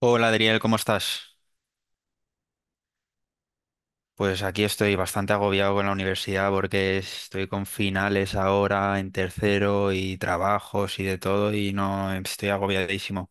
Hola Adriel, ¿cómo estás? Pues aquí estoy bastante agobiado con la universidad porque estoy con finales ahora en tercero y trabajos y de todo y no estoy agobiadísimo.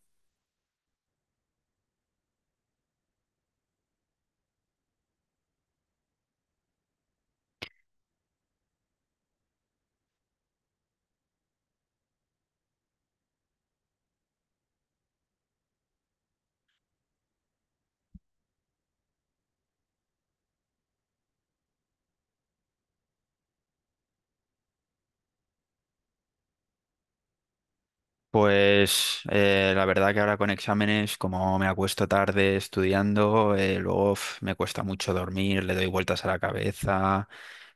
Pues la verdad que ahora con exámenes, como me acuesto tarde estudiando, luego uf, me cuesta mucho dormir, le doy vueltas a la cabeza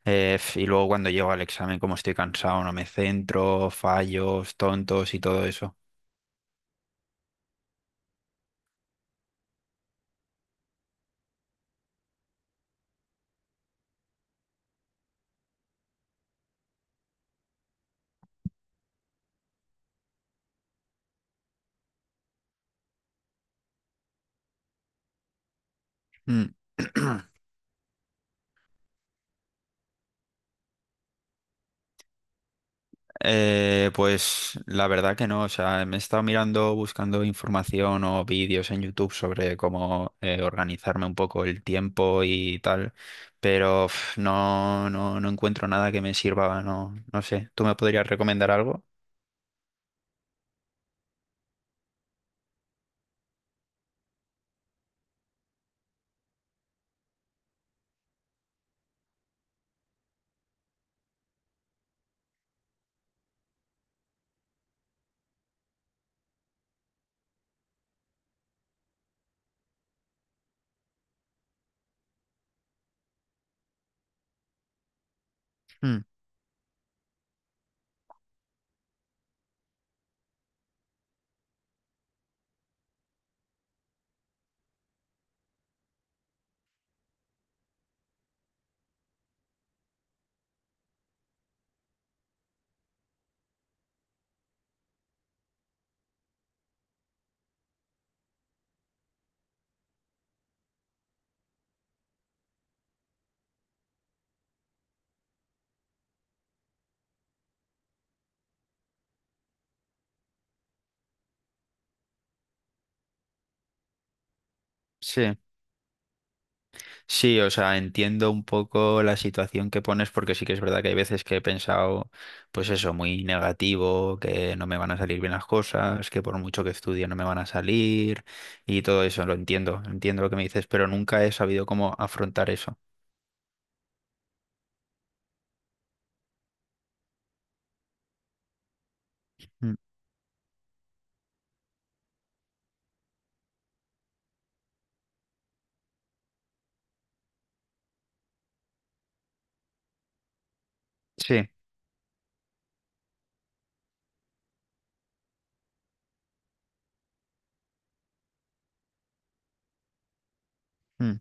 y luego cuando llego al examen, como estoy cansado, no me centro, fallos, tontos y todo eso. Mm. Pues la verdad que no, o sea, me he estado mirando, buscando información o vídeos en YouTube sobre cómo organizarme un poco el tiempo y tal, pero uf, no encuentro nada que me sirva, no sé. ¿Tú me podrías recomendar algo? Mm, sí. Sí, o sea, entiendo un poco la situación que pones porque sí que es verdad que hay veces que he pensado, pues eso, muy negativo, que no me van a salir bien las cosas, que por mucho que estudie no me van a salir y todo eso, lo entiendo, entiendo lo que me dices, pero nunca he sabido cómo afrontar eso. Mm. Sí. Mm,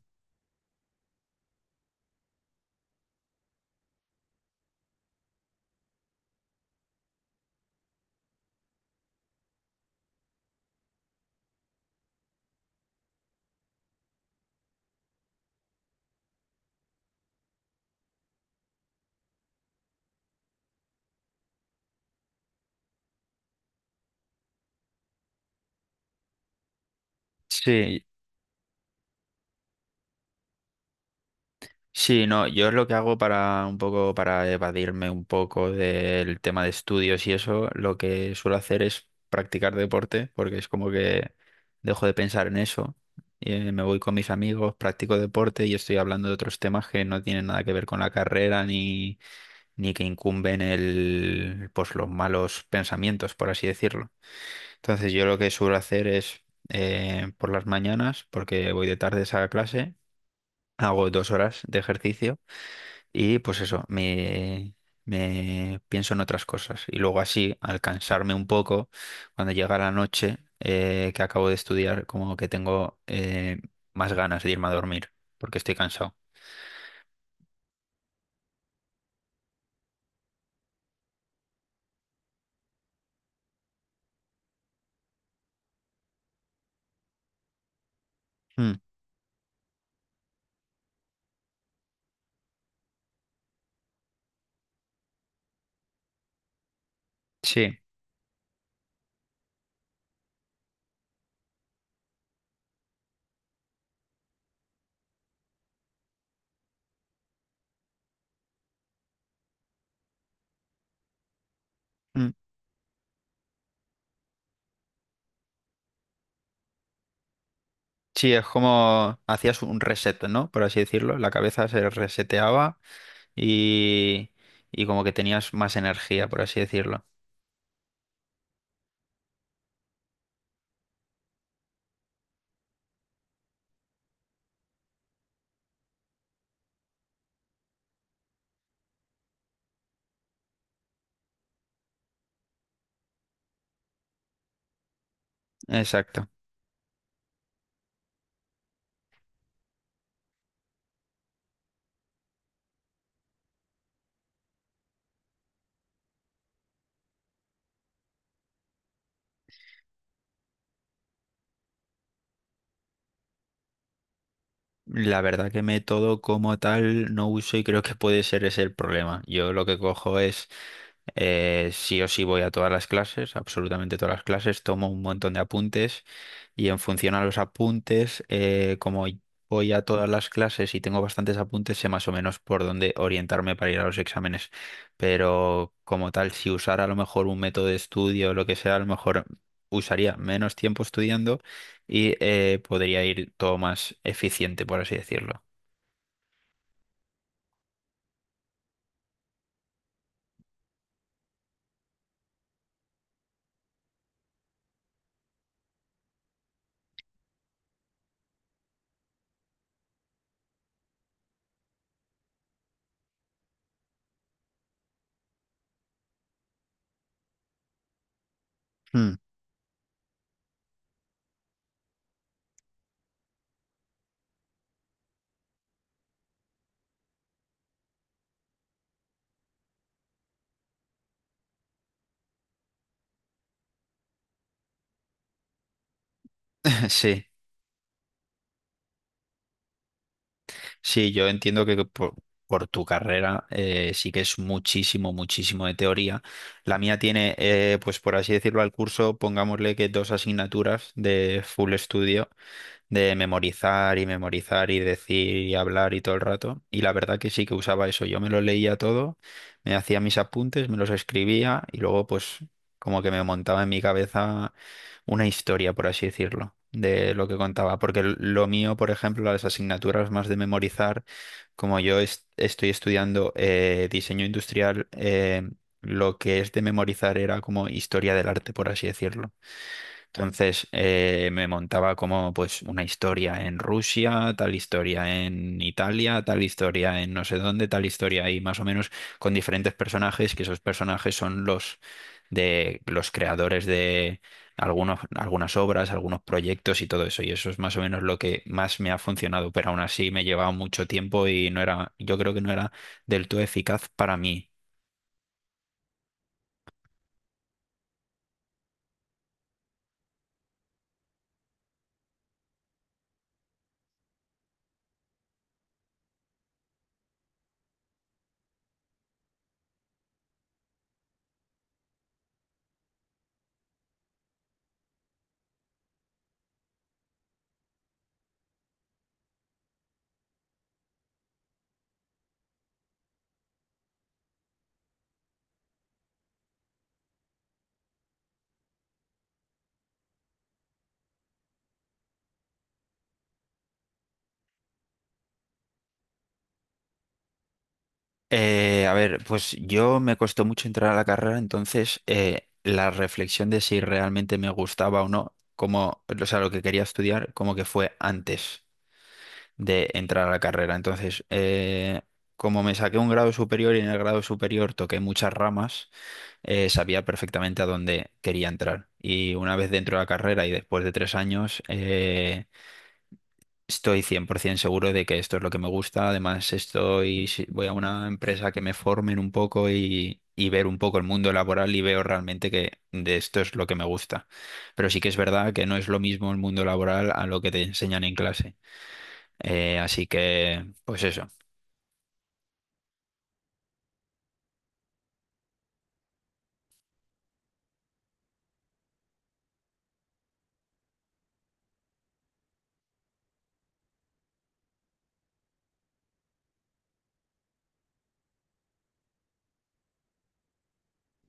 sí. Sí, no, yo lo que hago para un poco, para evadirme un poco del tema de estudios y eso, lo que suelo hacer es practicar deporte, porque es como que dejo de pensar en eso. Y, me voy con mis amigos, practico deporte y estoy hablando de otros temas que no tienen nada que ver con la carrera ni, ni que incumben el, pues los malos pensamientos, por así decirlo. Entonces yo lo que suelo hacer es por las mañanas, porque voy de tardes a clase, hago 2 horas de ejercicio y pues eso, me pienso en otras cosas. Y luego así, al cansarme un poco, cuando llega la noche que acabo de estudiar, como que tengo más ganas de irme a dormir, porque estoy cansado. Mm, sí. Mm, sí, es como hacías un reset, ¿no? Por así decirlo. La cabeza se reseteaba y, y como que tenías más energía, por así decirlo. Exacto. La verdad que método como tal no uso y creo que puede ser ese el problema. Yo lo que cojo es, sí o sí voy a todas las clases, absolutamente todas las clases, tomo un montón de apuntes y en función a los apuntes, como voy a todas las clases y tengo bastantes apuntes, sé más o menos por dónde orientarme para ir a los exámenes. Pero como tal, si usara a lo mejor un método de estudio o lo que sea, a lo mejor usaría menos tiempo estudiando y podría ir todo más eficiente, por así decirlo. Mm. Sí, sí, yo entiendo que por tu carrera sí que es muchísimo, muchísimo de teoría. La mía tiene, pues por así decirlo, al curso, pongámosle que dos asignaturas de full estudio de memorizar y memorizar y decir y hablar y todo el rato. Y la verdad que sí que usaba eso. Yo me lo leía todo, me hacía mis apuntes, me los escribía y luego pues como que me montaba en mi cabeza una historia, por así decirlo, de lo que contaba. Porque lo mío, por ejemplo, las asignaturas más de memorizar, como estoy estudiando diseño industrial, lo que es de memorizar era como historia del arte, por así decirlo. Entonces me montaba como pues una historia en Rusia, tal historia en Italia, tal historia en no sé dónde, tal historia ahí más o menos con diferentes personajes, que esos personajes son los de los creadores de algunos, algunas obras, algunos proyectos y todo eso. Y eso es más o menos lo que más me ha funcionado, pero aún así me llevaba mucho tiempo y no era, yo creo que no era del todo eficaz para mí. A ver, pues yo me costó mucho entrar a la carrera, entonces la reflexión de si realmente me gustaba o no, como, o sea, lo que quería estudiar, como que fue antes de entrar a la carrera. Entonces, como me saqué un grado superior y en el grado superior toqué muchas ramas, sabía perfectamente a dónde quería entrar. Y una vez dentro de la carrera y después de 3 años, estoy 100% seguro de que esto es lo que me gusta. Además, estoy, voy a una empresa que me formen un poco y ver un poco el mundo laboral y veo realmente que de esto es lo que me gusta. Pero sí que es verdad que no es lo mismo el mundo laboral a lo que te enseñan en clase. Así que, pues eso,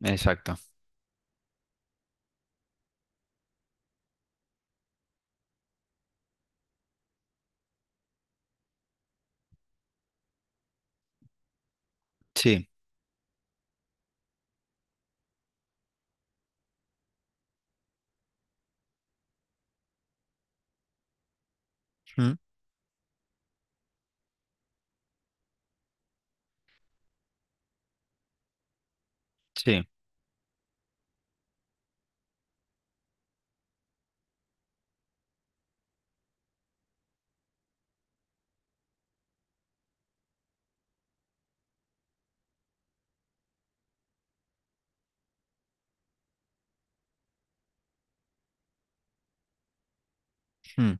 exacto. Sí. Mm, sí. Mm.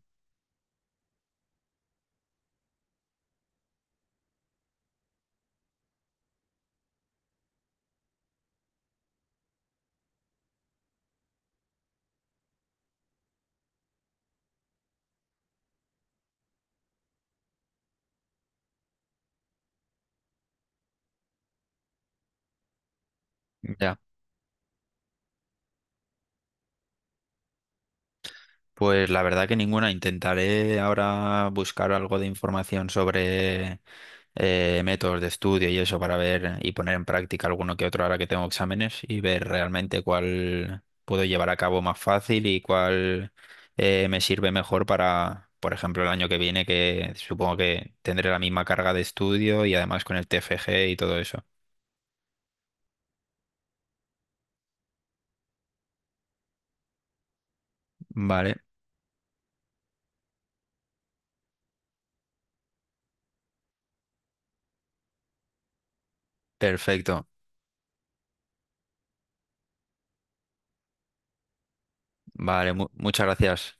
Ya. Pues la verdad que ninguna. Intentaré ahora buscar algo de información sobre métodos de estudio y eso para ver y poner en práctica alguno que otro ahora que tengo exámenes y ver realmente cuál puedo llevar a cabo más fácil y cuál me sirve mejor para, por ejemplo, el año que viene, que supongo que tendré la misma carga de estudio y además con el TFG y todo eso. Vale, perfecto. Vale, muchas gracias.